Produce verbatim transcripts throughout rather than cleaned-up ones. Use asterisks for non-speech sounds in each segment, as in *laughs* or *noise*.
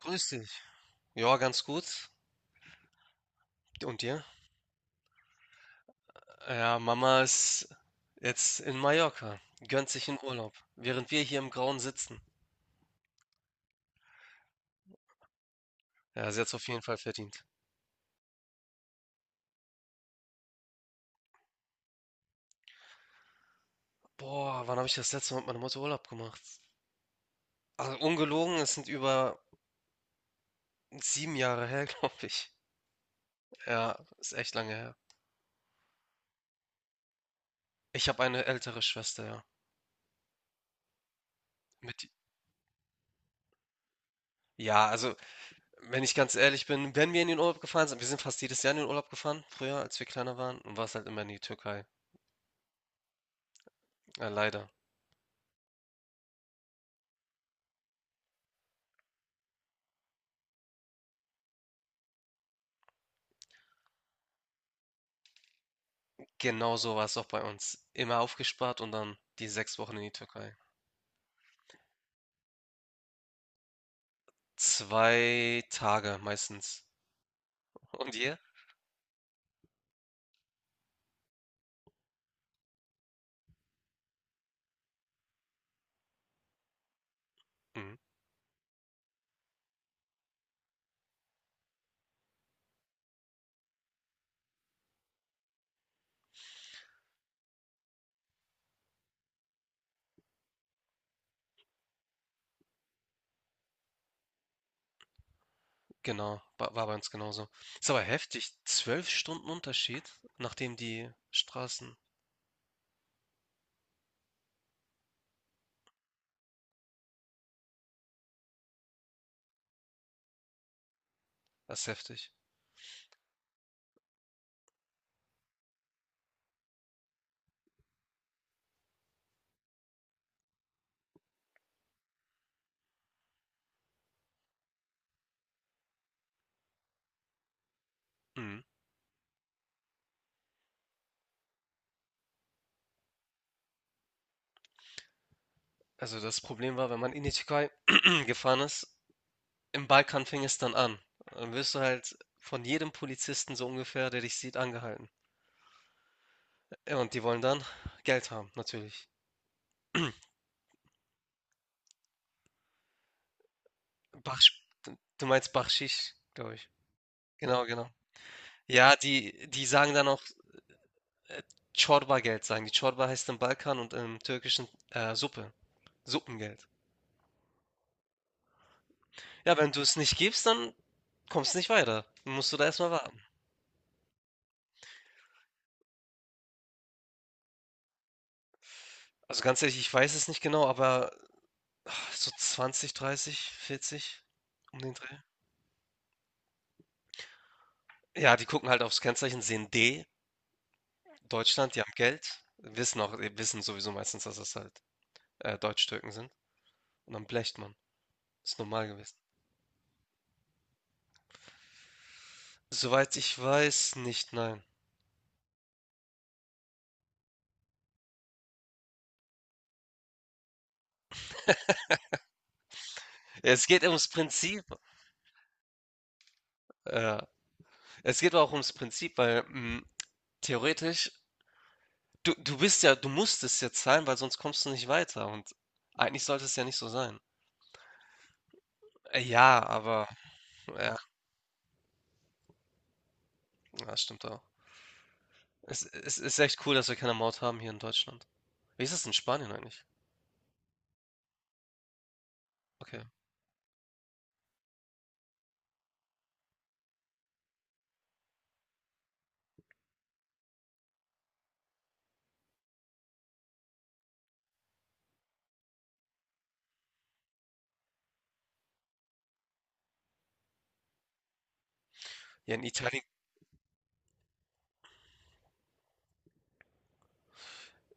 Grüß dich. Ja, ganz gut. Und dir? Ja, Mama ist jetzt in Mallorca, gönnt sich einen Urlaub, während wir hier im Grauen sitzen. Ja, sie hat es auf jeden Fall verdient. Boah, wann habe ich das letzte Mal mit meiner Mutter Urlaub gemacht? Also ungelogen, es sind über sieben Jahre her, *laughs* glaube ich. Ja, ist echt lange her. Ich habe eine ältere Schwester, ja. Mit, ja, also, wenn ich ganz ehrlich bin, wenn wir in den Urlaub gefahren sind, wir sind fast jedes Jahr in den Urlaub gefahren, früher, als wir kleiner waren, und war es halt immer in die Türkei. Ja, leider. Genau so war es auch bei uns. Immer aufgespart und dann die sechs Wochen in die Türkei. Zwei Tage meistens. Und ihr? Mhm, genau, wa war bei uns genauso. Ist aber heftig, zwölf Stunden Unterschied, nachdem die Straßen. Das ist heftig. Mhm. Also das Problem war, wenn man in die Türkei *clears throat* gefahren ist, im Balkan fing es dann an. Dann wirst du halt von jedem Polizisten so ungefähr, der dich sieht, angehalten. Ja, und die wollen dann Geld haben, natürlich. Bach, du meinst Bakschisch, glaube ich. Genau, genau. Ja, die die sagen dann auch, äh, Geld sagen die. Çorba heißt im Balkan und im Türkischen, äh, Suppe, Suppengeld. Ja, wenn du es nicht gibst, dann kommst du nicht weiter. Dann musst du da erst mal warten. Also, ganz ehrlich, ich weiß es nicht genau, aber ach, so zwanzig, dreißig, vierzig um den Dreh. Ja, die gucken halt aufs Kennzeichen, sehen D, Deutschland, die haben Geld, wissen auch wissen sowieso meistens, dass das halt, äh, Türken sind und dann blecht man. Ist normal gewesen. Soweit ich weiß, nicht, nein. Es geht ums Prinzip. Ja, es geht auch ums Prinzip, weil hm, theoretisch, du, du bist ja, du musst es jetzt sein, weil sonst kommst du nicht weiter. Und eigentlich sollte es ja nicht so sein. Äh, Ja, aber ja, das stimmt auch. Es, es ist echt cool, dass wir keine Maut haben hier in Deutschland. Wie ist es in Spanien eigentlich? Okay. Ja, in Italien,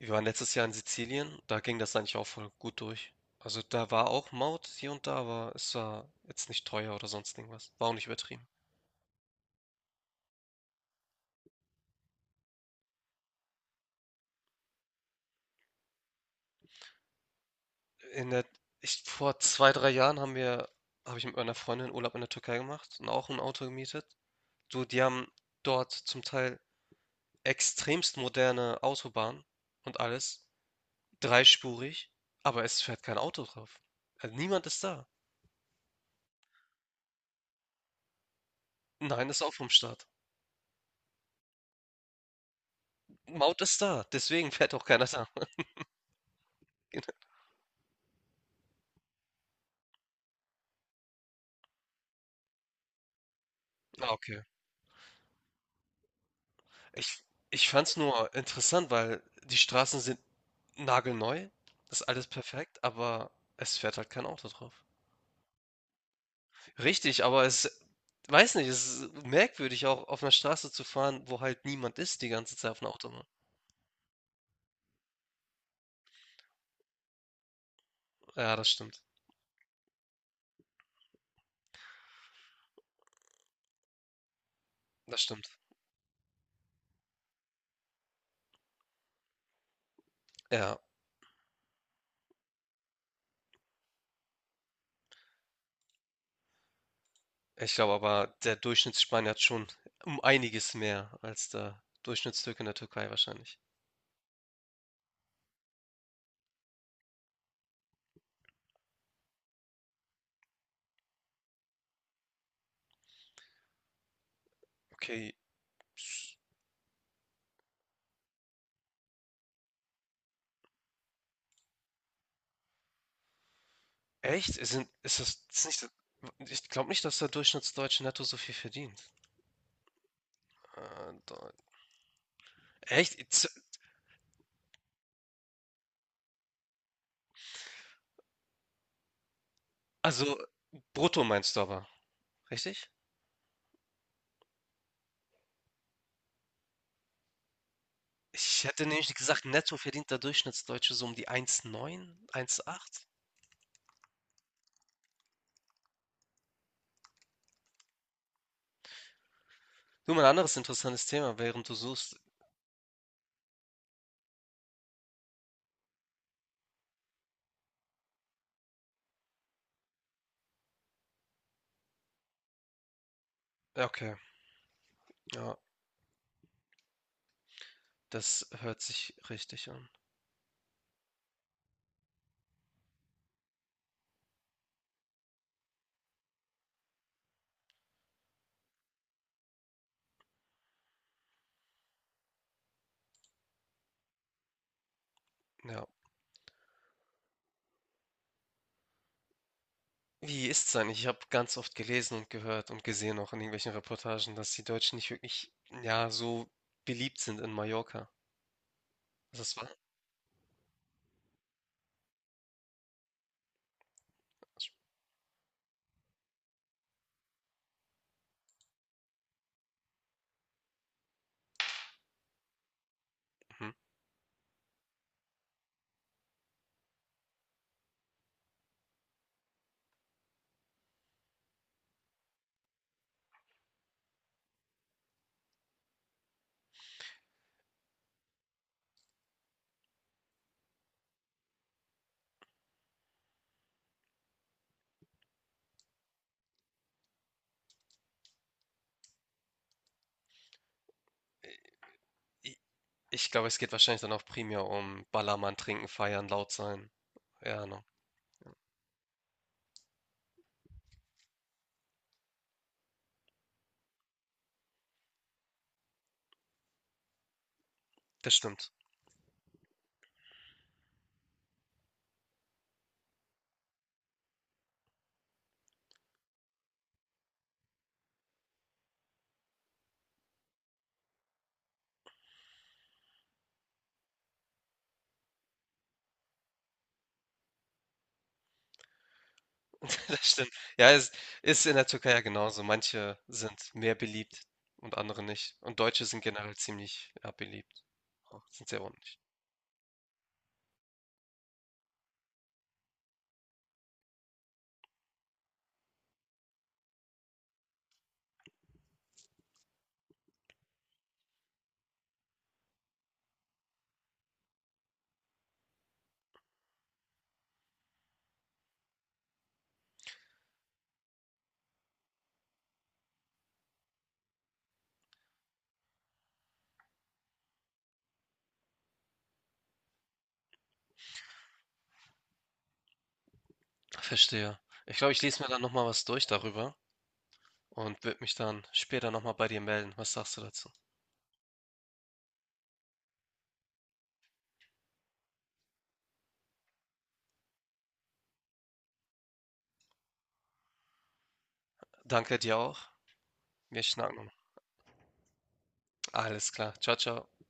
wir waren letztes Jahr in Sizilien, da ging das eigentlich auch voll gut durch. Also da war auch Maut hier und da, aber es war jetzt nicht teuer oder sonst irgendwas. War auch nicht übertrieben. In der ich vor zwei drei Jahren haben wir habe ich mit meiner Freundin Urlaub in der Türkei gemacht und auch ein Auto gemietet. Du, die haben dort zum Teil extremst moderne Autobahnen und alles, dreispurig, aber es fährt kein Auto drauf. Äh, niemand ist da. Nein, ist auch vom Staat. Maut ist da, deswegen fährt auch keiner da. *laughs* Ah, okay. Ich ich fand's nur interessant, weil die Straßen sind nagelneu, ist alles perfekt, aber es fährt halt kein Auto drauf. Richtig, aber es weiß nicht, es ist merkwürdig, auch auf einer Straße zu fahren, wo halt niemand ist die ganze Zeit auf einer Autobahn. Ja, das stimmt. Das stimmt. Ja, ich glaube aber, der Durchschnittsspanier hat schon um einiges mehr als der Durchschnittstürke in der Türkei wahrscheinlich. Okay, echt? Es sind ist das ist nicht so, ich glaube nicht, dass der Durchschnittsdeutsche netto so viel verdient. Äh, Deu echt? Z also brutto meinst du aber, richtig? Ich hätte nämlich gesagt, netto verdient der Durchschnittsdeutsche so um die eins Komma neun, eins Komma acht. Du, mal ein anderes interessantes Thema, während du suchst. Ja, okay, ja, das hört sich richtig an. Ja. Wie ist es eigentlich? Ich habe ganz oft gelesen und gehört und gesehen auch in irgendwelchen Reportagen, dass die Deutschen nicht wirklich, ja, so beliebt sind in Mallorca. Ist das war. Mhm. I- Ich glaube, es geht wahrscheinlich dann auch primär um Ballermann trinken, feiern, laut sein. Ja, ne. Das stimmt. *laughs* Das stimmt. Ja, es ist in der Türkei ja genauso. Manche sind mehr beliebt und andere nicht. Und Deutsche sind generell ziemlich, ja, beliebt. Ja, sind sehr ordentlich. Verstehe. Ich glaube, ich lese mir dann nochmal was durch darüber und würde mich dann später nochmal bei dir melden. Was sagst du dazu? Danke dir auch. Wir schnacken. Alles klar. Ciao, ciao.